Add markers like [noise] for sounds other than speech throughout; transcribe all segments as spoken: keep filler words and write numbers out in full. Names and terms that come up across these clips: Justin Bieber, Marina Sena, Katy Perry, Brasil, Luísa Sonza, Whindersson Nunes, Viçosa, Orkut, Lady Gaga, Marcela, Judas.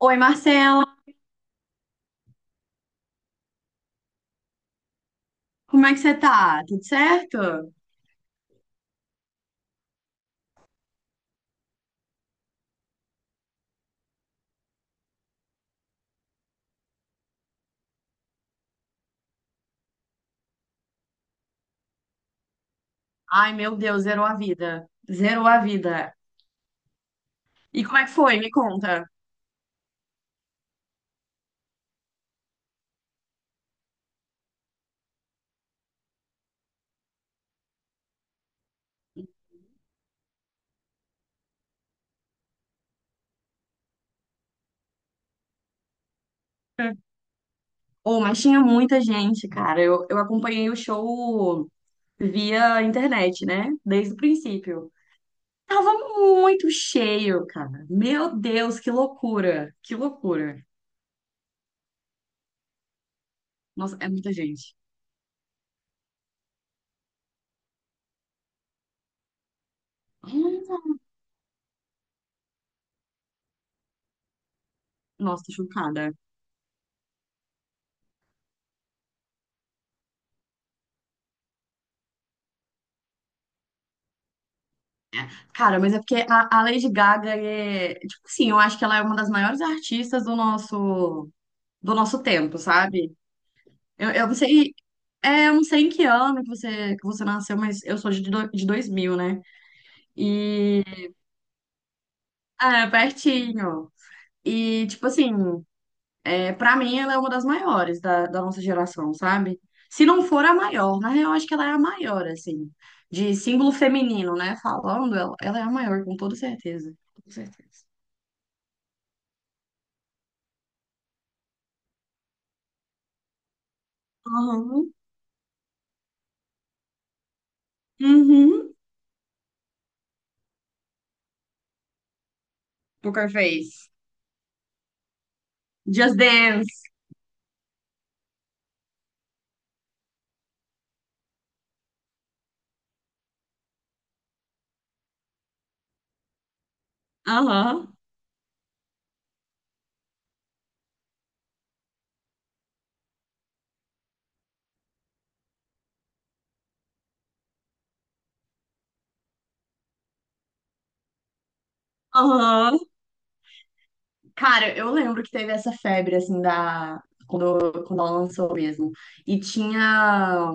Oi, Marcela, como é que você tá? Tudo certo? Ai, meu Deus, zerou a vida. Zerou a vida. E como é que foi? Me conta. Oh, mas tinha muita gente, cara. Eu, eu acompanhei o show via internet, né? Desde o princípio. Tava muito cheio, cara. Meu Deus, que loucura. Que loucura. Nossa, é muita gente. Nossa, tô chocada. Cara, mas é porque a, a Lady Gaga é. Tipo assim, eu acho que ela é uma das maiores artistas do nosso. Do nosso tempo, sabe? Eu, eu não sei, é, eu não sei em que ano que você, que você nasceu, mas eu sou de, do, de dois mil, né? E é, pertinho. E, tipo assim, é, pra mim ela é uma das maiores da, da nossa geração, sabe? Se não for a maior, na real, acho que ela é a maior, assim, de símbolo feminino, né? Falando, ela, ela é a maior, com toda certeza. Com certeza. Aham. Uhum. Poker Face. Just Dance. Aham. Aham. Cara, eu lembro que teve essa febre, assim, da... Quando, quando ela lançou mesmo. E tinha...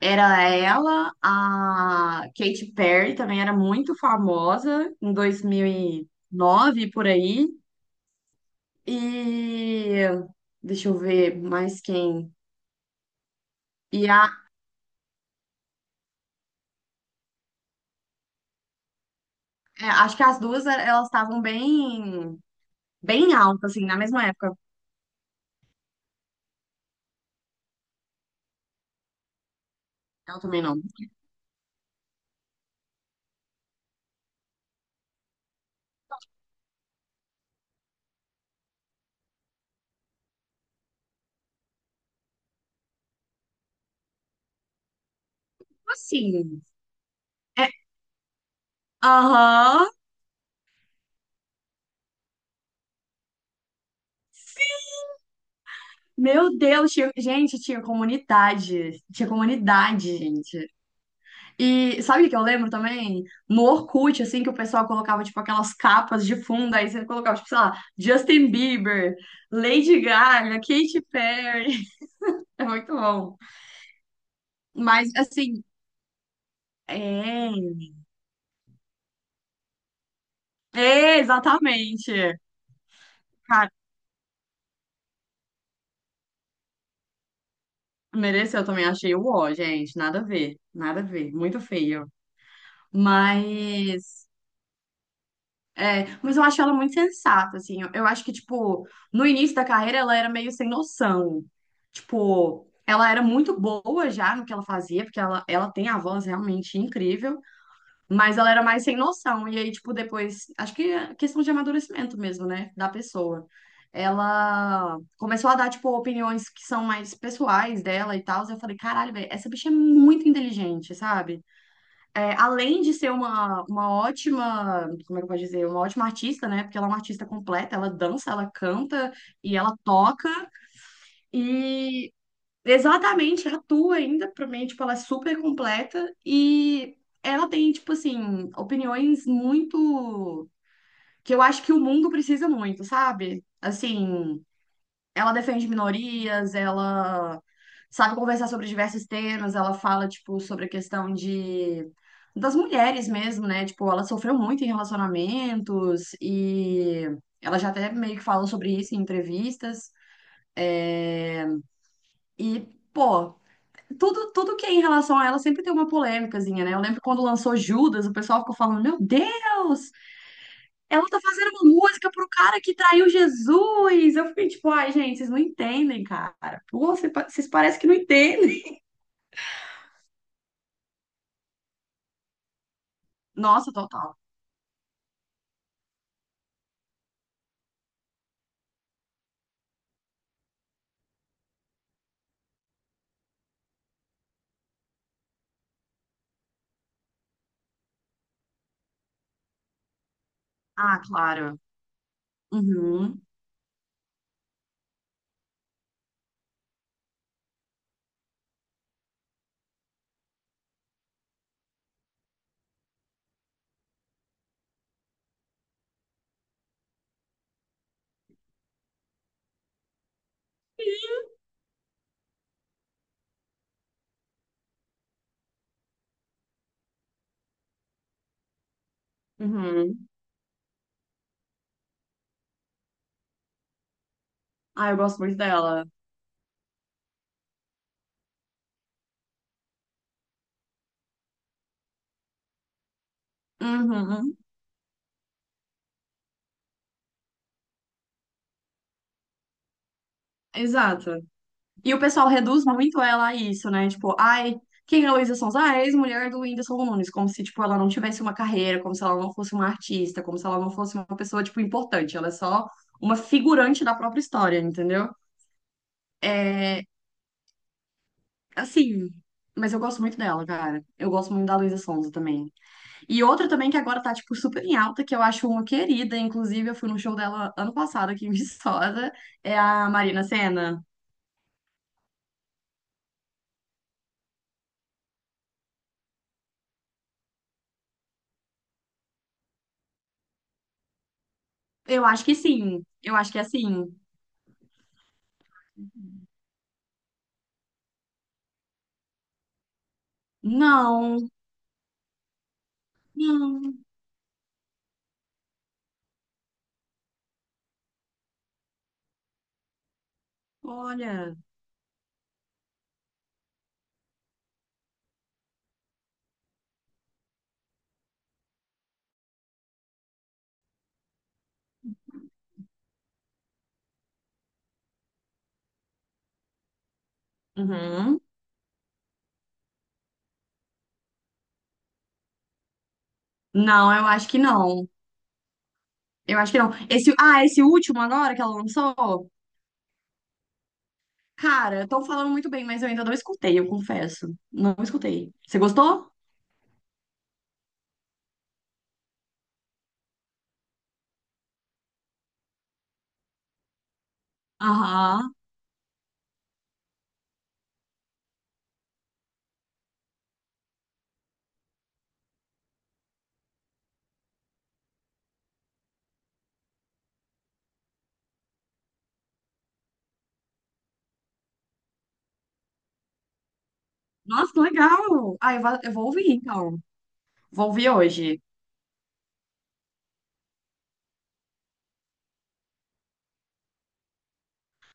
Era ela, a Katy Perry também era muito famosa em dois mil e nove, por aí. E... Deixa eu ver mais quem. E a... é, acho que as duas, eh, elas estavam bem... Bem altas, assim, na mesma época. Ela também não. Assim... É... Aham... Meu Deus, tinha- gente, tinha comunidade. Tinha comunidade, gente. E sabe o que eu lembro também? No Orkut, assim, que o pessoal colocava, tipo, aquelas capas de fundo, aí você colocava, tipo, sei lá, Justin Bieber, Lady Gaga, Katy Perry. [laughs] É muito bom. Mas, assim, é. É, exatamente. Cara, mereceu também, achei o ó, gente. Nada a ver, nada a ver. Muito feio. Mas. É, mas eu acho ela muito sensata, assim. Eu, eu acho que, tipo, no início da carreira ela era meio sem noção. Tipo, ela era muito boa já no que ela fazia, porque ela, ela tem a voz realmente incrível, mas ela era mais sem noção. E aí, tipo, depois, acho que é questão de amadurecimento mesmo, né, da pessoa. Ela começou a dar, tipo, opiniões que são mais pessoais dela e tal. Eu falei, caralho, velho, essa bicha é muito inteligente, sabe? É, além de ser uma, uma ótima, como é que eu posso dizer, uma ótima artista, né? Porque ela é uma artista completa, ela dança, ela canta e ela toca e exatamente atua ainda, pra mim, tipo, ela é super completa e ela tem, tipo assim, opiniões muito que eu acho que o mundo precisa muito, sabe? Assim, ela defende minorias, ela sabe conversar sobre diversos temas, ela fala, tipo, sobre a questão de das mulheres mesmo, né? Tipo, ela sofreu muito em relacionamentos e ela já até meio que falou sobre isso em entrevistas. E, pô, tudo, tudo que é em relação a ela sempre tem uma polêmicazinha, né? Eu lembro quando lançou Judas, o pessoal ficou falando, meu Deus! Ela tá fazendo uma música pro cara que traiu Jesus. Eu fiquei tipo, ai, gente, vocês não entendem, cara. Pô, vocês pa- vocês parecem que não entendem. [laughs] Nossa, total. Ah, claro. Uhum, uhum. Ah, eu gosto muito dela. Uhum, exato. E o pessoal reduz muito ela a isso, né? Tipo, ai, quem é a Luísa Sonza? Ah, é a ex-mulher do Whindersson Nunes. Como se, tipo, ela não tivesse uma carreira, como se ela não fosse uma artista, como se ela não fosse uma pessoa, tipo, importante. Ela é só uma figurante da própria história, entendeu? É, assim, mas eu gosto muito dela, cara. Eu gosto muito da Luísa Sonza também. E outra também que agora tá, tipo, super em alta, que eu acho uma querida, inclusive eu fui no show dela ano passado aqui em [laughs] Viçosa, é a Marina Sena. Eu acho que sim. Eu acho que é assim. Não, não, olha. Uhum. Não, eu acho que não. Eu acho que não. Esse, ah, esse último agora que ela lançou? Cara, estão falando muito bem, mas eu ainda não escutei, eu confesso. Não escutei. Você gostou? Aham. Nossa, que legal! Ah, eu va- eu vou ouvir então. Vou ouvir hoje.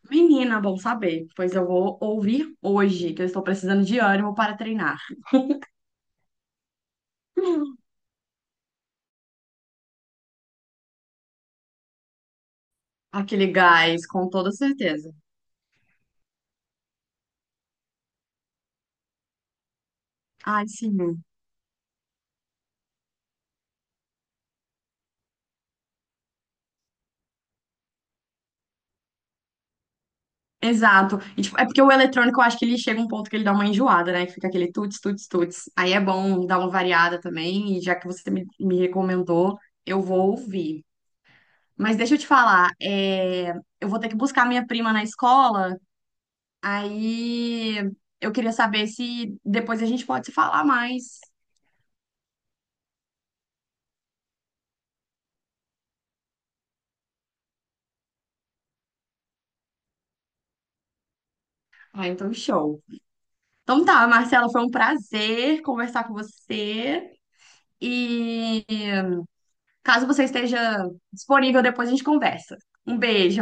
Menina, bom saber. Pois eu vou ouvir hoje, que eu estou precisando de ânimo para treinar. [laughs] Aquele gás, com toda certeza. Ai, sim. Exato. E, tipo, é porque o eletrônico, eu acho que ele chega um ponto que ele dá uma enjoada, né? Que fica aquele tuts, tuts, tuts. Aí é bom dar uma variada também. E já que você me, me recomendou, eu vou ouvir. Mas deixa eu te falar, é, eu vou ter que buscar minha prima na escola. Aí eu queria saber se depois a gente pode se falar mais. Ah, então show. Então tá, Marcela, foi um prazer conversar com você. E caso você esteja disponível, depois a gente conversa. Um beijo.